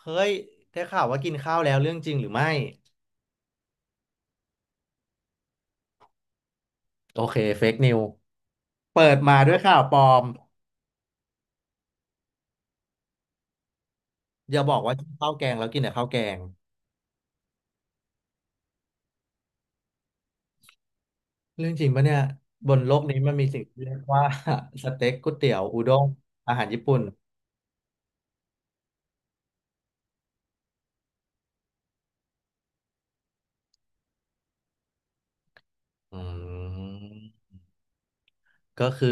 เฮ้ยได้ข่าวว่ากินข้าวแล้วเรื่องจริงหรือไม่โอเคเฟกนิวเปิดมาด้วยข่าวปลอมอย่าบอกว่ากินข้าวแกงแล้วกินแต่ข้าวแกงเรื่องจริงปะเนี่ยบนโลกนี้มันมีสิ่งที่เรียกว่า สเต็กก๋วยเตี๋ยวอุด้งอาหารญี่ปุ่นอืมก็คือ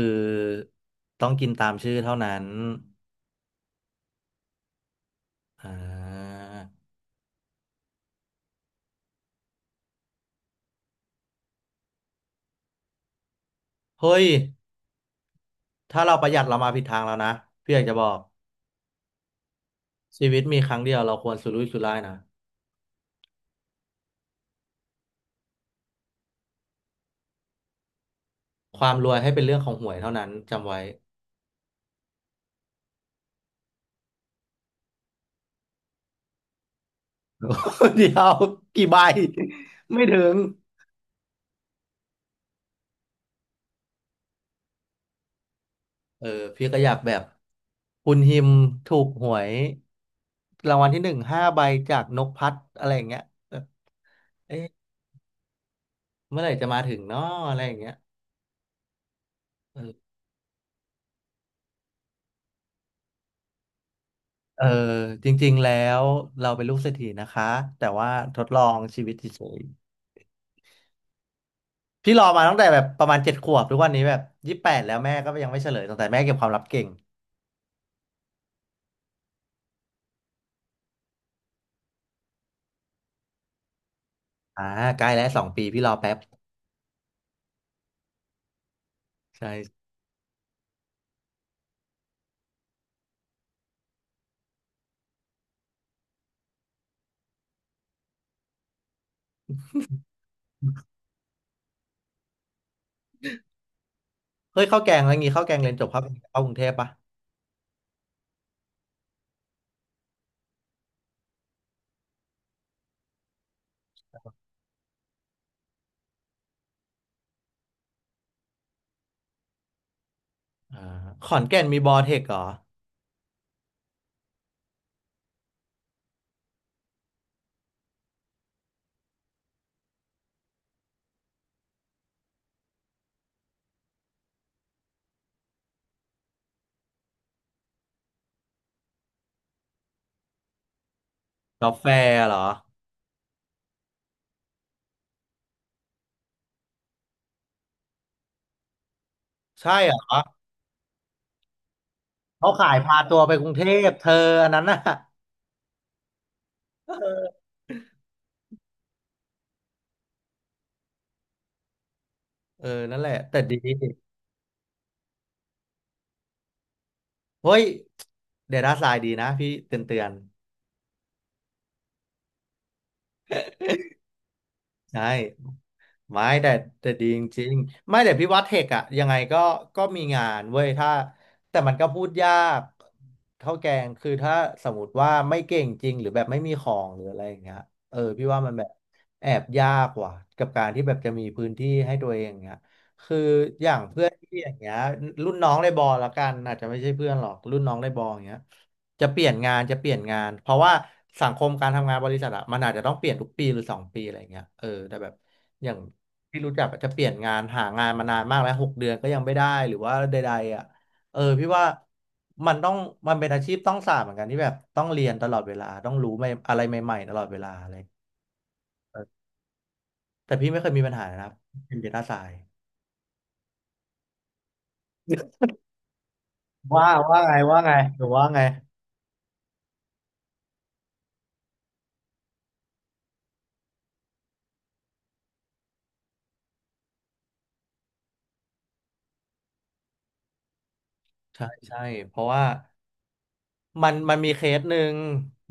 ต้องกินตามชื่อเท่านั้นอ่าเฮ้ยถ้าเราประหยัดเรามาผิดทางแล้วนะพี่อยากจะบอกชีวิตมีครั้งเดียวเราควรสุรุ่ยสุร่ายนะความรวยให้เป็นเรื่องของหวยเท่านั้นจำไว้ เดียวกี่ใบไม่ถึงเออพี่ก็อยากแบบคุณฮิมถูกหวยรางวัลที่ 15 ใบจากนกพัดอะไรอย่างเงี้ยแบบเอ๊ะเมื่อไหร่จะมาถึงเนาะอะไรอย่างเงี้ยเออเออจริงๆแล้วเราเป็นลูกเศรษฐีนะคะแต่ว่าทดลองชีวิตเฉยๆพี่รอมาตั้งแต่แบบประมาณ7 ขวบทุกวันนี้แบบ28แล้วแม่ก็ยังไม่เฉลยตั้งแต่แม่เก็บความลับเก่งอ่าใกล้แล้วสองปีพี่รอแป๊บใช่เฮ้ยข้าวแกงอะไรงี้ข้าวแกงเรียนจบข้าวแกงเข้ากรุงเทพปะ อ่าขอนแก่นมีบอเทคเหรอกาแฟเหรอ ใช่เหรอ เขาขายพาตัวไปกรุงเทพเธออันนั้นน่ะ เออนั่นแหละ แต่ดี เฮ้ย เดต้าไซน์ดีนะพี่เตือนเตือน ใช่ไม่แต่ดีจริงๆไม่แต่พี่ว่าเทคอะยังไงก็มีงานเว้ยถ้าแต่มันก็พูดยากเท่าแกงคือถ้าสมมติว่าไม่เก่งจริงหรือแบบไม่มีของหรืออะไรอย่างเงี้ยเออพี่ว่ามันแบบแอบยากว่ะกับการที่แบบจะมีพื้นที่ให้ตัวเองอย่างเงี้ยคืออย่างเพื่อนพี่อย่างเงี้ยรุ่นน้องในบอละกันอาจจะไม่ใช่เพื่อนหรอกรุ่นน้องในบออย่างเงี้ย จะเปลี่ยนงานจะเปลี่ยนงานเพราะว่าสังคมการทำงานบริษัทอะมันอาจจะต้องเปลี่ยนทุกปีหรือสองปีอะไรเงี้ยเออแต่แบบอย่างพี่รู้จักอะจะเปลี่ยนงานหางานมานานมากแล้ว6 เดือนก็ยังไม่ได้หรือว่าใดๆอะเออพี่ว่ามันต้องมันเป็นอาชีพต้องสาบเหมือนกันที่แบบต้องเรียนตลอดเวลาต้องรู้ใหม่อะไรใหม่ๆตลอดเวลาอะไรเออแต่พี่ไม่เคยมีปัญหานะครับเป็นเดต้าไซ ว่าไงว่าไงหรือว่าไงใช่ใช่เพราะว่า มันมีเคสหนึ่ง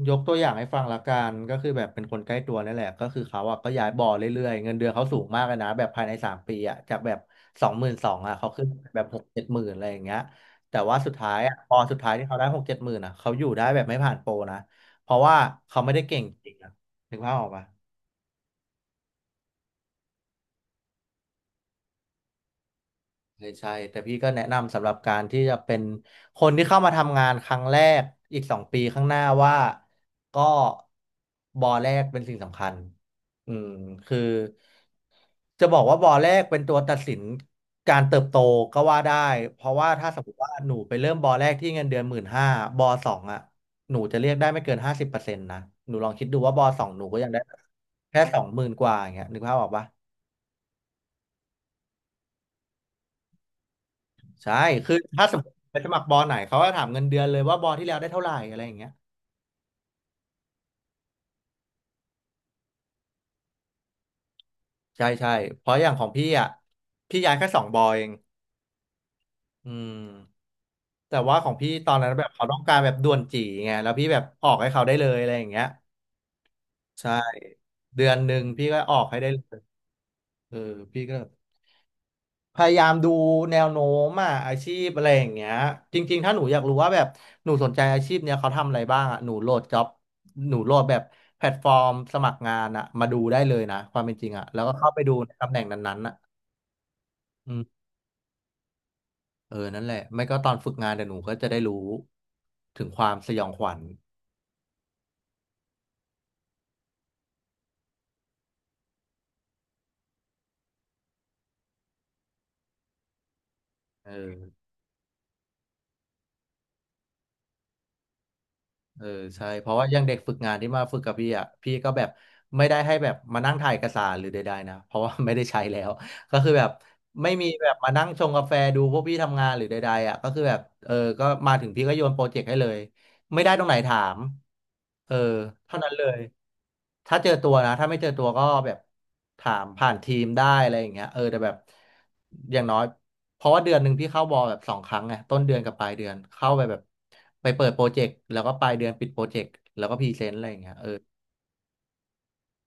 ยกตัวอย่างให้ฟังละกันก็คือแบบเป็นคนใกล้ตัวนี่แหละก็คือเขาอ่ะก็ย้ายบ่อเรื่อยๆเงินเดือนเขาสูงมากเลยนะแบบภายใน3 ปีอ่ะจากแบบ22,000อ่ะเขาขึ้นแบบหกเจ็ดหมื่นอะไรอย่างเงี้ยแต่ว่าสุดท้ายอ่ะพอสุดท้ายที่เขาได้หกเจ็ดหมื่นอ่ะเขาอยู่ได้แบบไม่ผ่านโปรนะเพราะว่าเขาไม่ได้เก่งจริงอ่ะถึงภาพออกปะ ใช่ใช่แต่พี่ก็แนะนำสำหรับการที่จะเป็นคนที่เข้ามาทำงานครั้งแรกอีกสองปีข้างหน้าว่าก็บอแรกเป็นสิ่งสำคัญอืมคือจะบอกว่าบอแรกเป็นตัวตัดสินการเติบโตก็ว่าได้เพราะว่าถ้าสมมติว่าหนูไปเริ่มบอแรกที่เงินเดือน15,000บอสองอ่ะหนูจะเรียกได้ไม่เกิน50%นะหนูลองคิดดูว่าบอสองหนูก็ยังได้แค่20,000 กว่าอย่างเงี้ยนึกภาพออกปะ ใช่คือถ้าสมมติไปสมัครบอไหนเขาก็ถามเงินเดือนเลยว่าบอที่แล้วได้เท่าไหร่อะไรอย่างเงี้ยใช่ใช่เพราะอย่างของพี่อ่ะพี่ย้ายแค่สองบอเองอืมแต่ว่าของพี่ตอนนั้นแบบเขาต้องการแบบด่วนจีไงแล้วพี่แบบออกให้เขาได้เลยอะไรอย่างเงี้ยใช่เดือนหนึ่งพี่ก็ออกให้ได้เลยเออพี่ก็ พยายามดูแนวโน้มอ่ะอาชีพอะไรอย่างเงี้ยจริงๆถ้าหนูอยากรู้ว่าแบบหนูสนใจอาชีพเนี้ยเขาทำอะไรบ้างอ่ะหนูโหลดจ็อบหนูโหลดแบบแพลตฟอร์มสมัครงานอ่ะมาดูได้เลยนะความเป็นจริงอ่ะแล้วก็เข้าไปดูในตำแหน่งนั้นๆอ่ะอืมเออนั่นแหละไม่ก็ตอนฝึกงานเดี๋ยวหนูก็จะได้รู้ถึงความสยองขวัญเออ เออใช่เพราะว่าอย่างเด็กฝึกงานที่มาฝึกกับพี่อ่ะพี่ก็แบบไม่ได้ให้แบบมานั่งถ่ายเอกสารหรือใดๆนะเพราะว่าไม่ได้ใช้แล้วก็คือแบบไม่มีแบบมานั่งชงกาแฟดูพวกพี่ทำงานหรือใดๆอ่ะก็คือแบบเออก็มาถึงพี่ก็โยนโปรเจกต์ให้เลยไม่ได้ตรงไหนถามเออเท่านั้นเลย ถ้าเจอตัวนะถ้าไม่เจอตัวก็แบบถามผ่านทีมได้อะไรอย่างเงี้ยเออแต่แบบอย่างน้อยเพราะว่าเดือนหนึ่งพี่เข้าบอลแบบ2 ครั้งไงต้นเดือนกับปลายเดือนเข้าไปแบบไปเปิดโปรเจกต์แล้วก็ปลายเดือนปิดโปรเจกต์แล้วก็พรีเซนต์อะไรอย่างเงี้ยเออ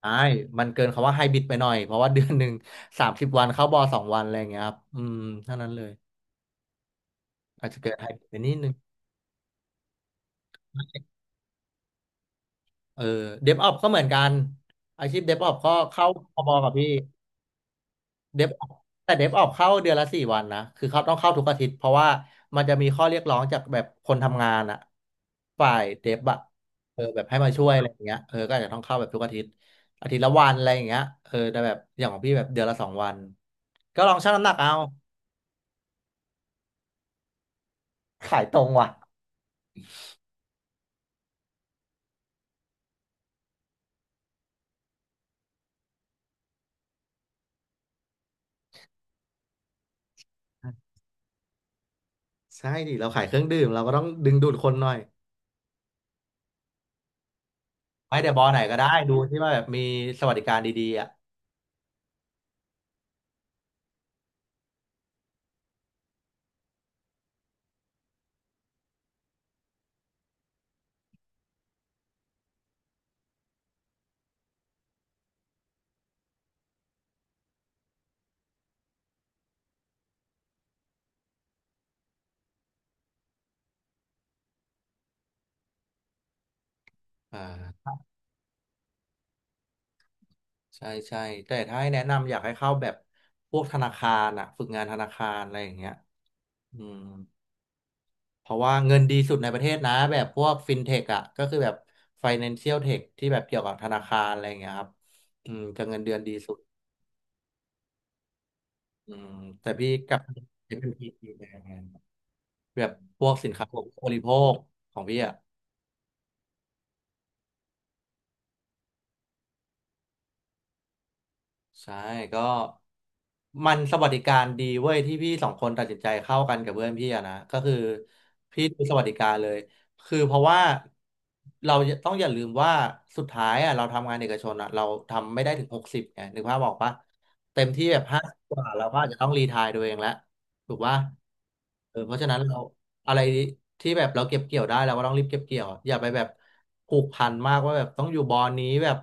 ใช่มันเกินคำว่าไฮบริดไปหน่อยเพราะว่าเดือนหนึ่ง 30 วันเข้าบอลสองวันอะไรอย่างเงี้ยครับอืมเท่านั้นเลยอาจจะเกิดไฮบริดไปนิดนึงเออเดฟออก็เหมือนกันอาชีพเดฟออปก็เข้าพบกับพี่ เดฟแต่เดฟออกเข้าเดือนละ4 วันนะคือเขาต้องเข้าทุกอาทิตย์เพราะว่ามันจะมีข้อเรียกร้องจากแบบคนทำงานอะฝ่ายเดฟอะเออแบบให้มาช่วยอะไรอย่างเงี้ยเออก็อาจจะต้องเข้าแบบทุกอาทิตย์อาทิตย์ละวันอะไรอย่างเงี้ยเออแต่แบบอย่างของพี่แบบเดือนละสองวันก็ลองชั่งน้ำหนักเอาขายตรงว่ะใช่ดิเราขายเครื่องดื่มเราก็ต้องดึงดูดคนหน่อยไปเดอะบอไหนก็ได้ดูที่ว่าแบบมีสวัสดิการดีๆอ่ะอ่า ใช่ใช่แต่ถ้าให้แนะนำอยากให้เข้าแบบพวกธนาคารอะฝึกงานธนาคารอะไรอย่างเงี้ยอืมเพราะว่าเงินดีสุดในประเทศนะแบบพวกฟินเทคอะก็คือแบบ Financial Tech ที่แบบเกี่ยวกับธนาคารอะไรอย่างเงี้ยครับอืมจะเงินเดือนดีสุดอืมแต่พี่กับ FMP ไปทำงนแบบพวกสินค้าอุปโภคบริโภคของพี่อะ ใช่ก็มันสวัสดิการดีเว้ยที่พี่สองคนตัดสินใจเข้ากันกับเพื่อนพี่อะนะก็คือพี่ดูสวัสดิการเลยคือเพราะว่าเราต้องอย่าลืมว่าสุดท้ายอะเราทำงานเอกชนอะเราทำไม่ได้ถึง60ไงนึกภาพออกปะเต็มที่แบบ50กว่าเราก็อาจจะต้องรีไทร์ตัวเองแล้ว ถูกว่าเออเพราะฉะนั้นเราอะไรที่แบบเราเก็บเกี่ยวได้เราก็ต้องรีบเก็บเกี่ยวอะอย่าไปแบบผูกพันมากว่าแบบต้องอยู่บอลนี้แบบ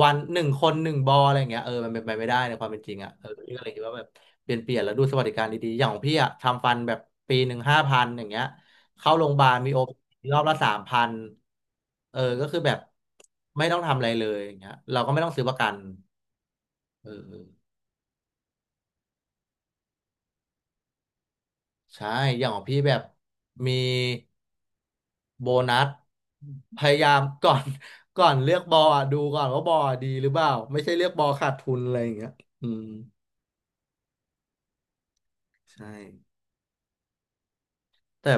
วันหนึ่งคนหนึ่งบอลอะไรอย่างเงี้ยเออมันเป็นไปไม่ได้ในความเป็นจริงอ่ะเออพี่ก็เลยคิดว่าแบบเปลี่ยนเปลี่ยนแล้วดูสวัสดิการดีๆอย่างของพี่อ่ะทำฟันแบบปีหนึ่ง5,000อย่างเงี้ยเข้าโรงพยาบาลมีโอรอบละ3,000เออก็คือแบบไม่ต้องทำอะไรเลยอย่างเงี้ยเราก็ไม่ต้องซื้อประกันเออ ใช่อย่างของพี่แบบมีโบนัสพยายาม ก่อน ก่อนเลือกบอลอะดูก่อนว่าบอลอะดีหรือเปล่าไม่ใช่เลือกบอลขาดทุนอะไรอย่างเงี้ยอืมใช่แต่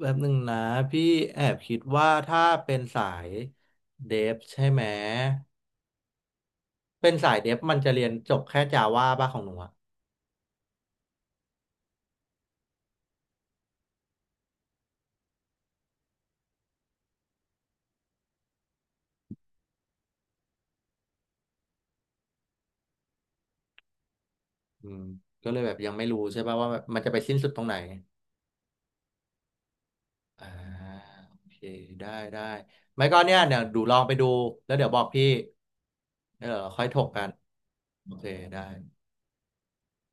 แบบหนึ่งนะพี่แอบคิดว่าถ้าเป็นสายเดฟใช่ไหมเป็นสายเดฟมันจะเรียนจบแค่จาว่าป่ะของหนูอะอืมก็เลยแบบยังไม่รู้ใช่ป่ะว่าแบบมันจะไปสิ้นสุดตรงไหน อ่าโอเคได้ได้ไม่ก็เนี่ยเดี๋ยวดูลองไปดูแล้วเดี๋ยวบอกพี่เดีวค่อยถกกันโอเคได้